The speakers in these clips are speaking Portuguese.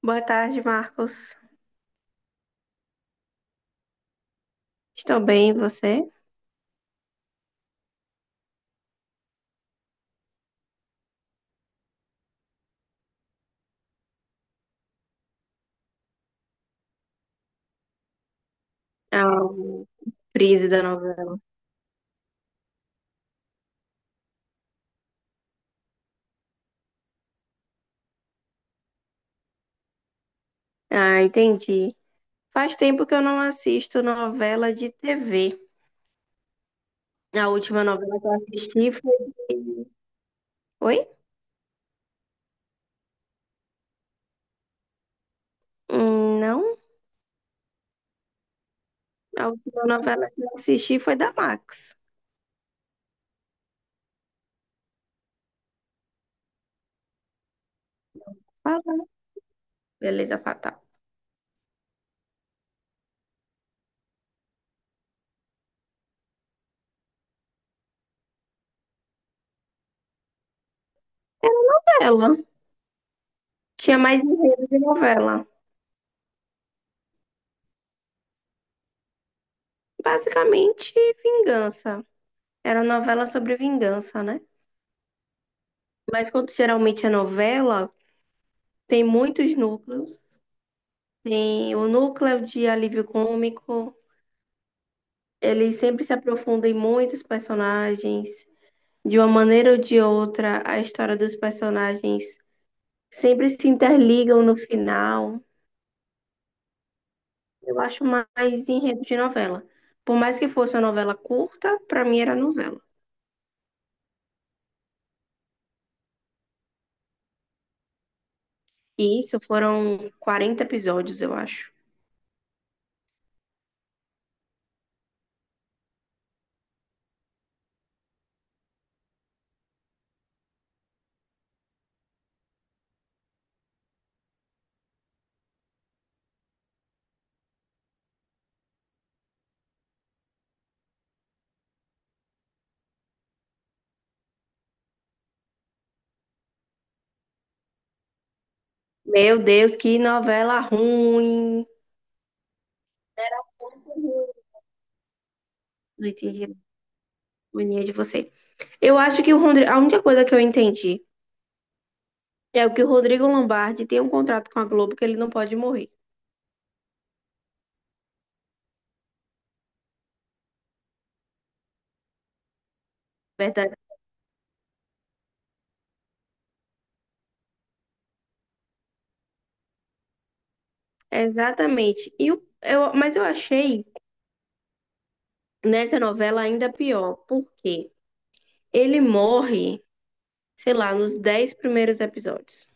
Boa tarde, Marcos. Estou bem, e você? É o Prise da novela. Ah, entendi. Faz tempo que eu não assisto novela de TV. A última novela que eu assisti foi. de- Oi? Não. A última novela que eu assisti foi da Max. Fala. Beleza Fatal. Ela tinha mais enredo de novela. Basicamente, vingança. Era novela sobre vingança, né? Mas quando geralmente é novela, tem muitos núcleos. Tem o núcleo de alívio cômico. Ele sempre se aprofunda em muitos personagens. De uma maneira ou de outra, a história dos personagens sempre se interligam no final. Eu acho mais enredo de novela. Por mais que fosse uma novela curta, pra mim era novela. E isso foram 40 episódios, eu acho. Meu Deus, que novela ruim! Não entendi a mania de você. Eu acho que o a única coisa que eu entendi é o que o Rodrigo Lombardi tem um contrato com a Globo que ele não pode morrer. Verdade. Exatamente. Mas eu achei nessa novela ainda pior, porque ele morre, sei lá, nos 10 primeiros episódios.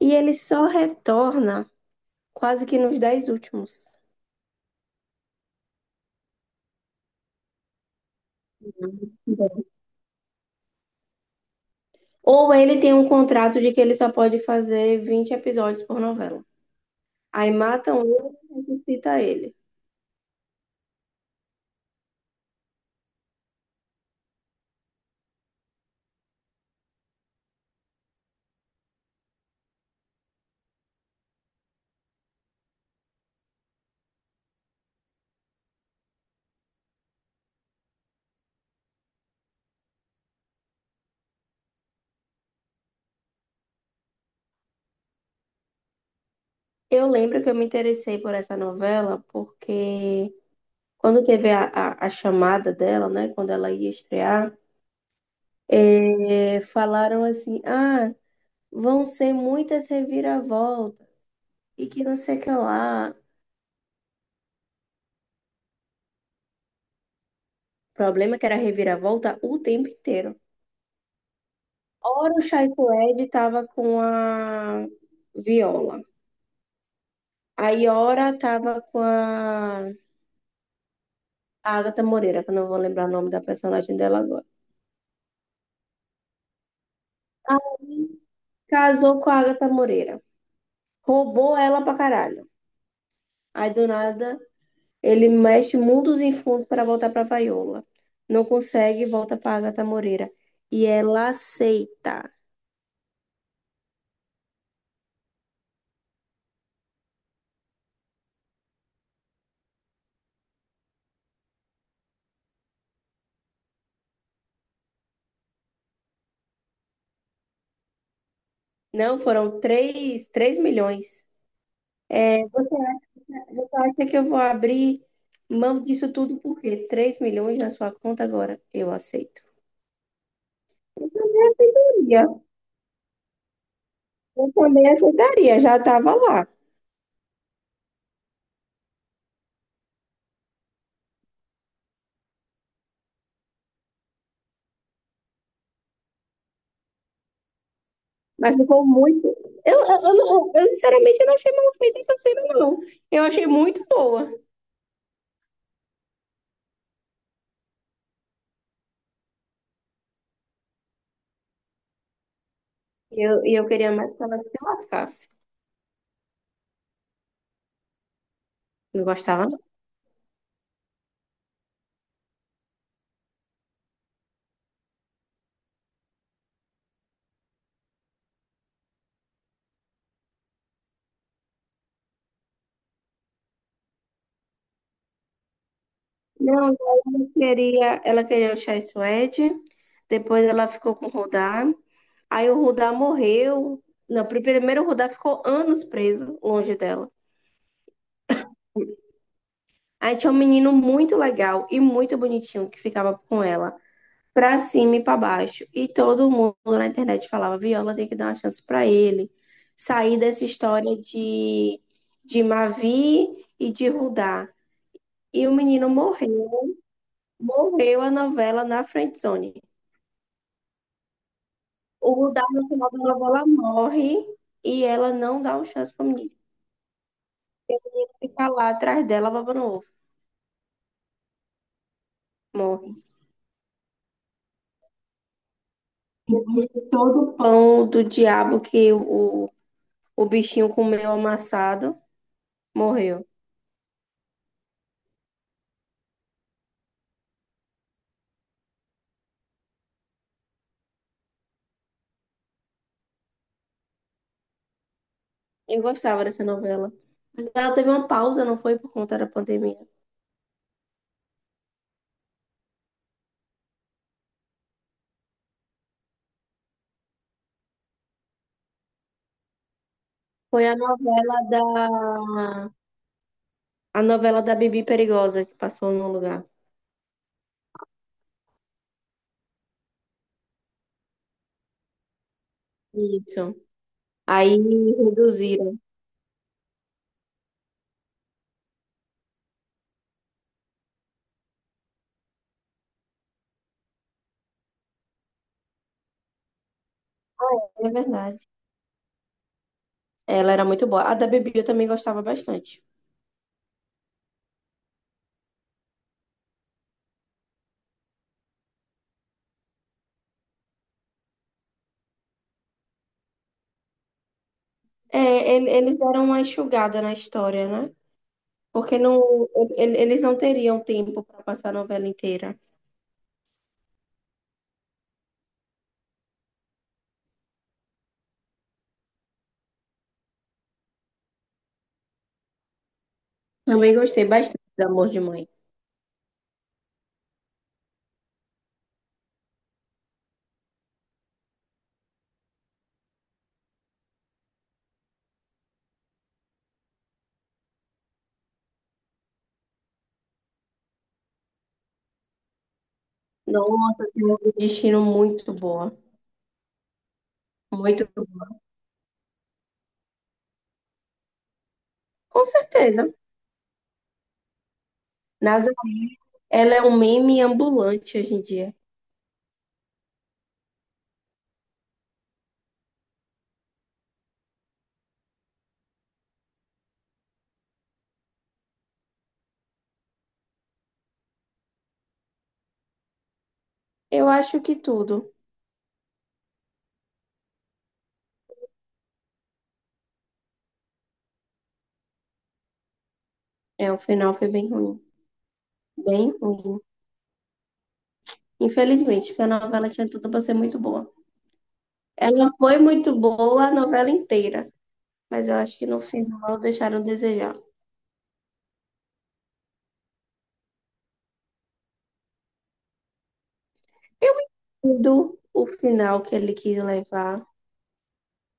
E ele só retorna quase que nos 10 últimos. Ou ele tem um contrato de que ele só pode fazer 20 episódios por novela. Aí matam ele e ressuscita ele. Eu lembro que eu me interessei por essa novela porque quando teve a chamada dela, né? Quando ela ia estrear, falaram assim: ah, vão ser muitas reviravoltas e que não sei o que lá. O problema é que era reviravolta o tempo inteiro. Ora o Chaito Ed tava com a Viola. Aí ora tava com a Agatha Moreira, que eu não vou lembrar o nome da personagem dela agora. Casou com a Agatha Moreira. Roubou ela pra caralho. Aí do nada. Ele mexe mundos e fundos para voltar para Vaiola. Não consegue, volta para Agatha Moreira. E ela aceita. Não, foram três milhões. É, você acha que eu vou abrir mão disso tudo por quê? 3 milhões na sua conta agora? Eu aceito. Eu também, eu também aceitaria, já estava lá. Mas ficou muito. Eu, não- eu, sinceramente não achei mal feita essa cena, não. Eu achei muito boa. E eu queria mais que ela se lascasse. Não gostava, não. Não, ela queria o Chai Suede, depois ela ficou com o Rudá, aí o Rudá morreu. Não, primeiro o Rudá ficou anos preso, longe dela. Aí tinha um menino muito legal e muito bonitinho que ficava com ela, pra cima e pra baixo. E todo mundo na internet falava: Viola tem que dar uma chance pra ele, sair dessa história de Mavi e de Rudá. E o menino morreu, morreu a novela na friendzone. O Dal, no final da novela, morre e ela não dá uma chance pro menino ficar lá atrás dela babando ovo. Morre. Depois de todo o pão do diabo que o bichinho comeu amassado, morreu. Eu gostava dessa novela. Mas ela teve uma pausa, não foi por conta da pandemia. Foi a novela da... A novela da Bibi Perigosa que passou no lugar. Isso. Aí reduziram. É verdade. Ela era muito boa. A da Bibi eu também gostava bastante. É, eles deram uma enxugada na história, né? Porque não, eles não teriam tempo para passar a novela inteira. Também gostei bastante do Amor de Mãe. Nossa, tem um destino muito boa. Muito boa. Com certeza. Nasa, ela é um meme ambulante hoje em dia. Eu acho que tudo. É, o final foi bem ruim. Bem ruim. Infelizmente, porque a novela tinha tudo para ser muito boa. Ela foi muito boa a novela inteira. Mas eu acho que no final deixaram a desejar. Do o final que ele quis levar,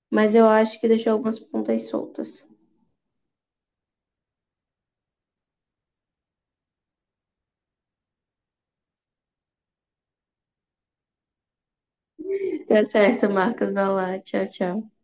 mas eu acho que deixou algumas pontas soltas. Tá certo, Marcos. Vai lá. Tchau, tchau.